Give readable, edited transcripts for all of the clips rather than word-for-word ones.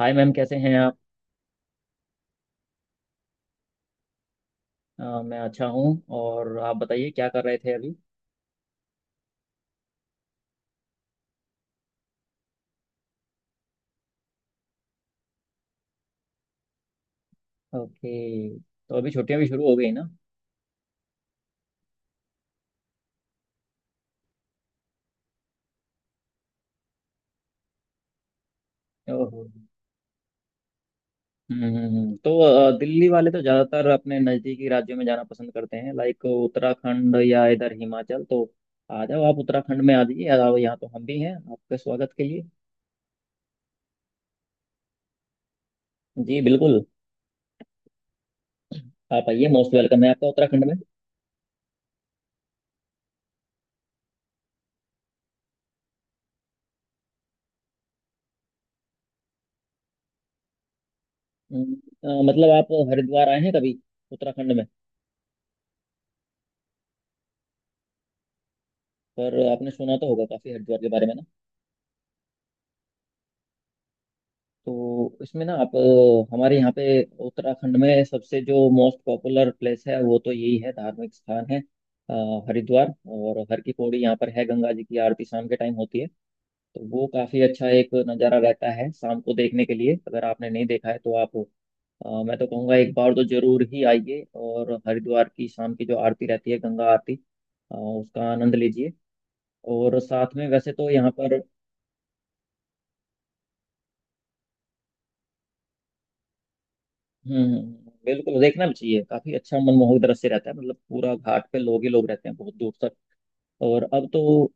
हाय ma'am, कैसे हैं आप। मैं अच्छा हूँ। और आप बताइए क्या कर रहे थे अभी। ओके। तो अभी छुट्टियां भी शुरू हो गई ना। ओहो। तो दिल्ली वाले तो ज़्यादातर अपने नज़दीकी राज्यों में जाना पसंद करते हैं, लाइक उत्तराखंड या इधर हिमाचल, तो आ जाओ। आप उत्तराखंड में आ जाइए, जाओ, यहाँ तो हम भी हैं आपके स्वागत के लिए। जी बिल्कुल। आप आइए, मोस्ट वेलकम है आपका उत्तराखंड में। मतलब आप हरिद्वार आए हैं कभी उत्तराखंड में? पर आपने सुना तो होगा काफ़ी हरिद्वार के बारे में। तो इसमें ना आप, हमारे यहाँ पे उत्तराखंड में सबसे जो मोस्ट पॉपुलर प्लेस है वो तो यही है, धार्मिक स्थान है, हरिद्वार और हर की पौड़ी यहाँ पर है। गंगा जी की आरती शाम के टाइम होती है, तो वो काफी अच्छा एक नज़ारा रहता है शाम को देखने के लिए। अगर आपने नहीं देखा है तो आप, मैं तो कहूँगा एक बार तो जरूर ही आइए, और हरिद्वार की शाम की जो आरती रहती है, गंगा आरती, उसका आनंद लीजिए। और साथ में वैसे तो यहाँ पर। हम्म। बिल्कुल, देखना भी चाहिए, काफी अच्छा मनमोहक दृश्य रहता है, मतलब पूरा घाट पे लोग ही लोग रहते हैं बहुत दूर तक। और अब तो,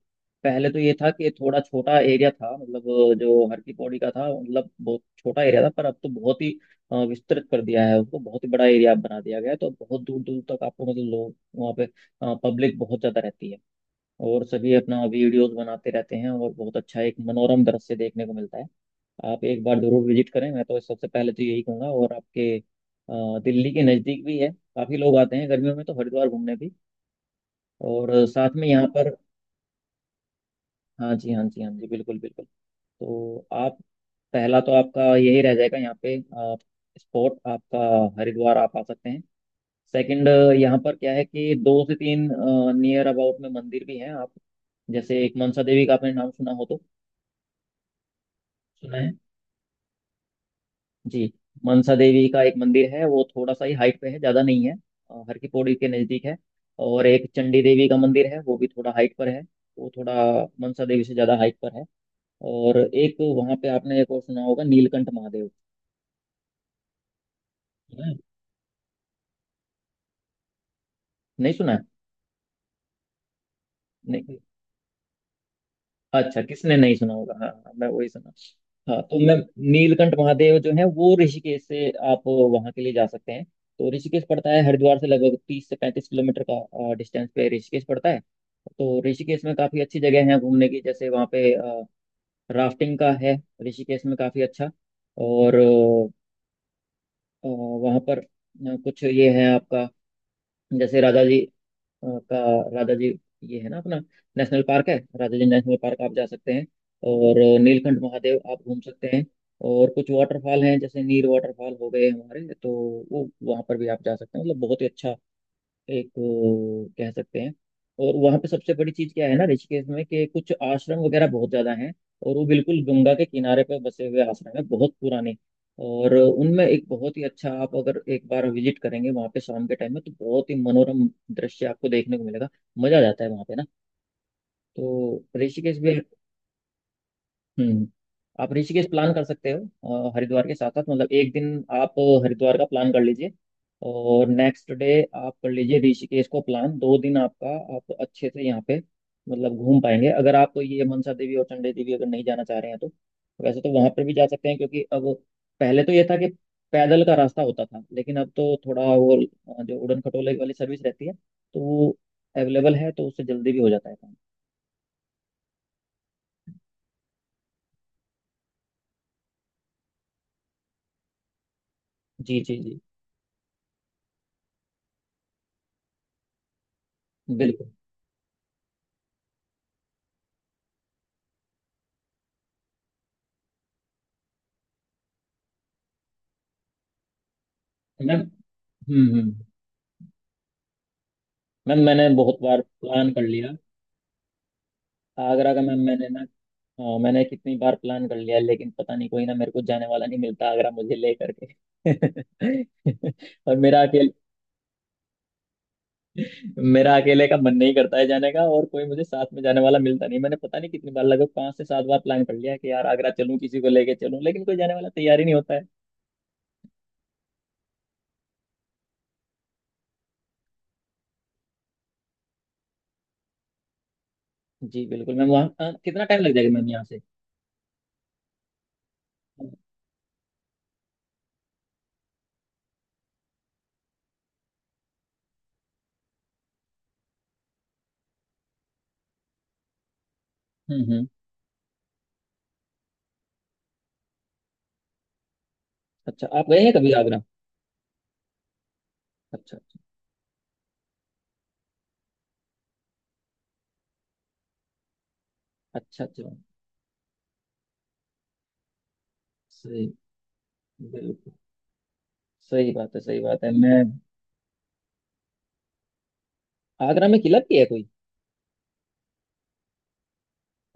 पहले तो ये था कि थोड़ा छोटा एरिया था, मतलब जो हर की पौड़ी का था, मतलब बहुत छोटा एरिया था, पर अब तो बहुत ही विस्तृत कर दिया है उसको, बहुत ही बड़ा एरिया बना दिया गया है। तो बहुत दूर दूर तक आपको मतलब लोग वहाँ पे, पब्लिक बहुत ज्यादा रहती है, और सभी अपना वीडियोस बनाते रहते हैं, और बहुत अच्छा एक मनोरम दृश्य देखने को मिलता है। आप एक बार जरूर विजिट करें, मैं तो सबसे पहले तो यही कहूंगा, और आपके दिल्ली के नज़दीक भी है, काफ़ी लोग आते हैं गर्मियों में तो हरिद्वार घूमने भी। और साथ में यहाँ पर। हाँ जी, हाँ जी, हाँ जी, बिल्कुल बिल्कुल। तो आप, पहला तो आपका यही रह जाएगा यहाँ पे, स्पॉट आपका, हरिद्वार आप आ सकते हैं। सेकंड, यहाँ पर क्या है कि दो से तीन नियर अबाउट में मंदिर भी हैं आप, जैसे एक मनसा देवी का आपने नाम सुना हो तो। सुना है? जी। मनसा देवी का एक मंदिर है, वो थोड़ा सा ही हाइट पे है, ज्यादा नहीं है, हर की पौड़ी के नजदीक है। और एक चंडी देवी का मंदिर है, वो भी थोड़ा हाइट पर है। वो थोड़ा मनसा देवी से ज्यादा हाइट पर है। और एक वहां पे आपने एक और सुना होगा, नीलकंठ महादेव। सुना है? नहीं सुना है? नहीं। अच्छा, किसने नहीं सुना होगा, हाँ हाँ, मैं वही सुना। हाँ तो मैं, नीलकंठ महादेव जो है वो ऋषिकेश से आप वहाँ के लिए जा सकते हैं। तो ऋषिकेश पड़ता है, हरिद्वार से लगभग 30 से 35 किलोमीटर का डिस्टेंस पे ऋषिकेश पड़ता है। तो ऋषिकेश में काफ़ी अच्छी जगह है घूमने की, जैसे वहाँ पे राफ्टिंग का है ऋषिकेश में, काफ़ी अच्छा। और वहाँ पर, कुछ ये है आपका, जैसे राजा जी आपका, राजा जी, ये है ना अपना नेशनल पार्क है, राजा जी नेशनल पार्क आप जा सकते हैं। और नीलकंठ महादेव आप घूम सकते हैं। और कुछ वाटरफॉल हैं, जैसे नीर वाटरफॉल हो गए हमारे, तो वो वहाँ पर भी आप जा सकते हैं, मतलब बहुत ही अच्छा एक वो कह सकते हैं। और वहाँ पे सबसे बड़ी चीज क्या है ना ऋषिकेश में, कि कुछ आश्रम वगैरह बहुत ज्यादा हैं, और वो बिल्कुल गंगा के किनारे पे बसे हुए आश्रम है, बहुत पुराने, और उनमें एक बहुत ही अच्छा, आप अगर एक बार विजिट करेंगे वहाँ पे शाम के टाइम में तो बहुत ही मनोरम दृश्य आपको देखने को मिलेगा। मजा आ जाता है वहाँ पे ना, तो ऋषिकेश भी। हम्म। आप ऋषिकेश प्लान कर सकते हो हरिद्वार के साथ साथ, मतलब एक दिन आप हरिद्वार का प्लान कर लीजिए और नेक्स्ट डे आप कर लीजिए ऋषिकेश को प्लान, 2 दिन आपका। आप अच्छे से यहाँ पे मतलब घूम पाएंगे, अगर आप ये मनसा देवी और चंडी देवी अगर नहीं जाना चाह रहे हैं तो, वैसे तो वहां पर भी जा सकते हैं, क्योंकि अब, पहले तो ये था कि पैदल का रास्ता होता था, लेकिन अब तो थोड़ा वो, जो उड़न खटोले वाली सर्विस रहती है, तो वो अवेलेबल है, तो उससे जल्दी भी हो जाता है काम। जी जी जी, बिल्कुल मैम। हम्म। मैम मैंने बहुत बार प्लान कर लिया। आगरा का मैम, मैंने ना, मैंने कितनी बार प्लान कर लिया, लेकिन पता नहीं कोई ना मेरे को जाने वाला नहीं मिलता आगरा मुझे ले करके। और मेरा अकेले का मन नहीं करता है जाने का, और कोई मुझे साथ में जाने वाला मिलता नहीं, मैंने पता नहीं कितनी बार, लगभग 5 से 7 बार प्लान कर लिया कि यार आगरा चलूं, किसी को लेके चलूं, लेकिन कोई जाने वाला तैयार ही नहीं होता है। जी बिल्कुल मैम, वहाँ कितना टाइम लग जाएगा मैम यहाँ से? हम्म। अच्छा, आप गए हैं कभी आगरा? अच्छा अच्छा, अच्छा अच्छा। सही। बिल्कुल, सही बात है, सही बात है मैं। आगरा में किला भी है कोई?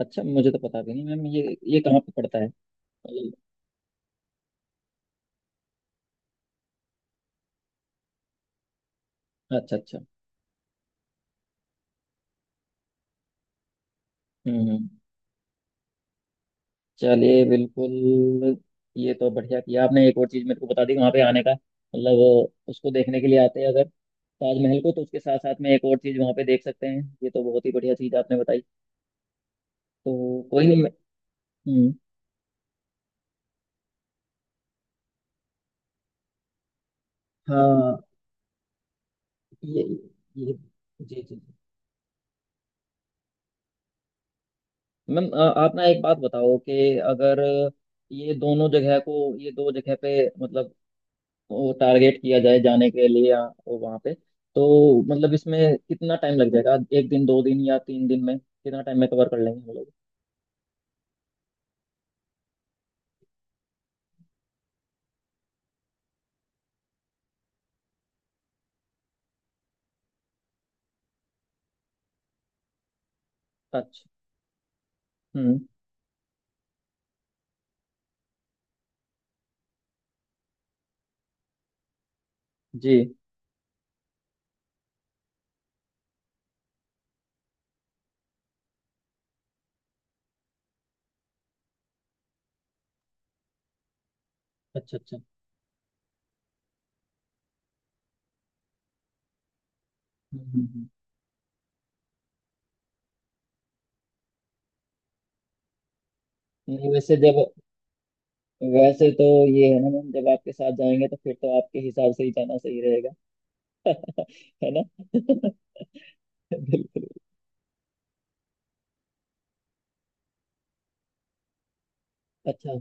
अच्छा, मुझे तो पता भी नहीं मैम, ये कहाँ पे पड़ता है? अच्छा अच्छा। हम्म हम्म। चलिए बिल्कुल, ये तो बढ़िया किया आपने, एक और चीज मेरे को बता दी वहां पे आने का, मतलब उसको देखने के लिए आते हैं अगर ताजमहल को, तो उसके साथ साथ में एक और चीज वहां पे देख सकते हैं, ये तो बहुत ही बढ़िया चीज आपने बताई। तो कोई नहीं, हम्म, हाँ, ये ये जी जी मैम, आप ना एक बात बताओ कि अगर ये दोनों जगह को, ये दो जगह पे मतलब वो टारगेट किया जाए जाने के लिए, या वहाँ पे, तो मतलब इसमें कितना टाइम लग जाएगा, एक दिन 2 दिन या 3 दिन में, कितना टाइम में कवर कर लेंगे हम लोग? अच्छा। हम्म। जी। अच्छा अच्छा। हम्म हम्म, हम्म। नहीं वैसे जब, वैसे तो ये है ना मैम, जब आपके साथ जाएंगे तो फिर तो आपके हिसाब से ही जाना सही रहेगा। है ना? बिल्कुल। अच्छा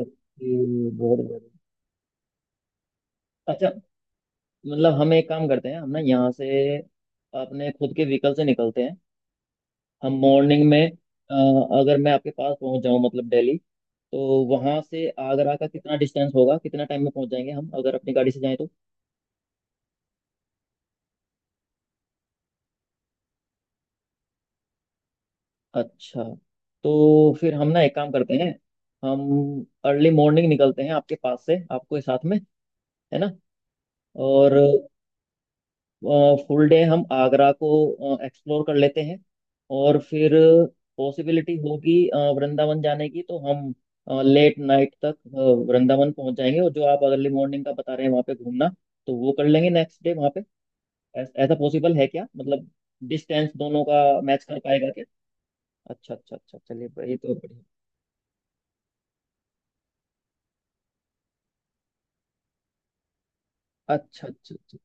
ओके, बहुत बढ़िया। अच्छा, मतलब हम एक काम करते हैं, हम ना यहाँ से अपने खुद के व्हीकल से निकलते हैं हम मॉर्निंग में। अ, अगर मैं आपके पास पहुँच जाऊँ मतलब दिल्ली, तो वहाँ से आगरा का कितना डिस्टेंस होगा, कितना टाइम में पहुँच जाएंगे हम, अगर अपनी गाड़ी से जाएं तो? अच्छा, तो फिर हम ना एक काम करते हैं, हम अर्ली मॉर्निंग निकलते हैं आपके पास से, आपको साथ में, है ना? और फुल डे हम आगरा को एक्सप्लोर कर लेते हैं, और फिर पॉसिबिलिटी होगी वृंदावन जाने की, तो हम लेट नाइट तक वृंदावन पहुंच जाएंगे, और जो आप अर्ली मॉर्निंग का बता रहे हैं वहाँ पे घूमना, तो वो कर लेंगे नेक्स्ट डे वहाँ पे। ऐसा पॉसिबल है क्या, मतलब डिस्टेंस दोनों का मैच कर पाएगा क्या? अच्छा अच्छा अच्छा, चलिए ये तो बढ़िया। अच्छा अच्छा अच्छा।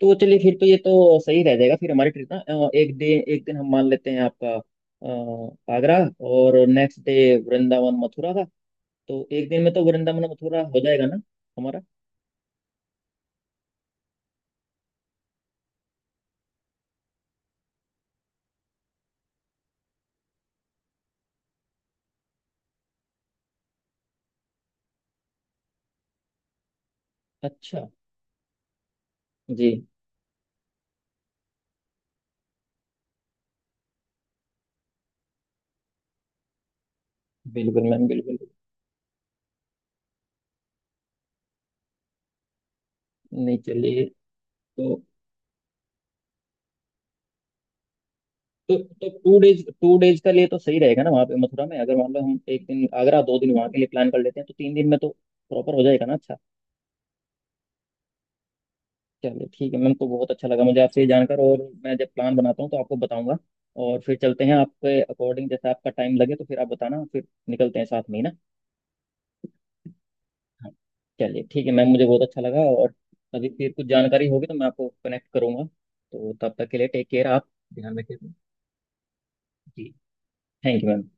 तो चलिए फिर तो ये तो सही रह जाएगा, फिर हमारी ट्रिप ना, एक दिन हम मान लेते हैं, आपका आगरा, और नेक्स्ट डे वृंदावन मथुरा का। तो एक दिन में तो वृंदावन मथुरा हो जाएगा ना हमारा? अच्छा। जी बिल्कुल मैम, बिल्कुल। नहीं चलिए। तो तो टू डेज, टू डेज का लिए तो सही रहेगा ना वहाँ पे मथुरा में, अगर मान लो हम एक दिन आगरा, 2 दिन वहाँ के लिए प्लान कर लेते हैं, तो 3 दिन में तो प्रॉपर हो जाएगा ना? अच्छा। चलिए ठीक है मैम, तो बहुत अच्छा लगा मुझे आपसे ये जानकर, और मैं जब प्लान बनाता हूँ तो आपको बताऊंगा, और फिर चलते हैं आपके अकॉर्डिंग, जैसे आपका टाइम लगे तो फिर आप बताना, फिर निकलते हैं साथ में ही ना। हाँ, चलिए ठीक है मैम, मुझे बहुत अच्छा लगा, और अभी फिर कुछ जानकारी होगी तो मैं आपको कनेक्ट करूंगा, तो तब तक के लिए टेक केयर आप, ध्यान रखिए जी। Thank you ma'am.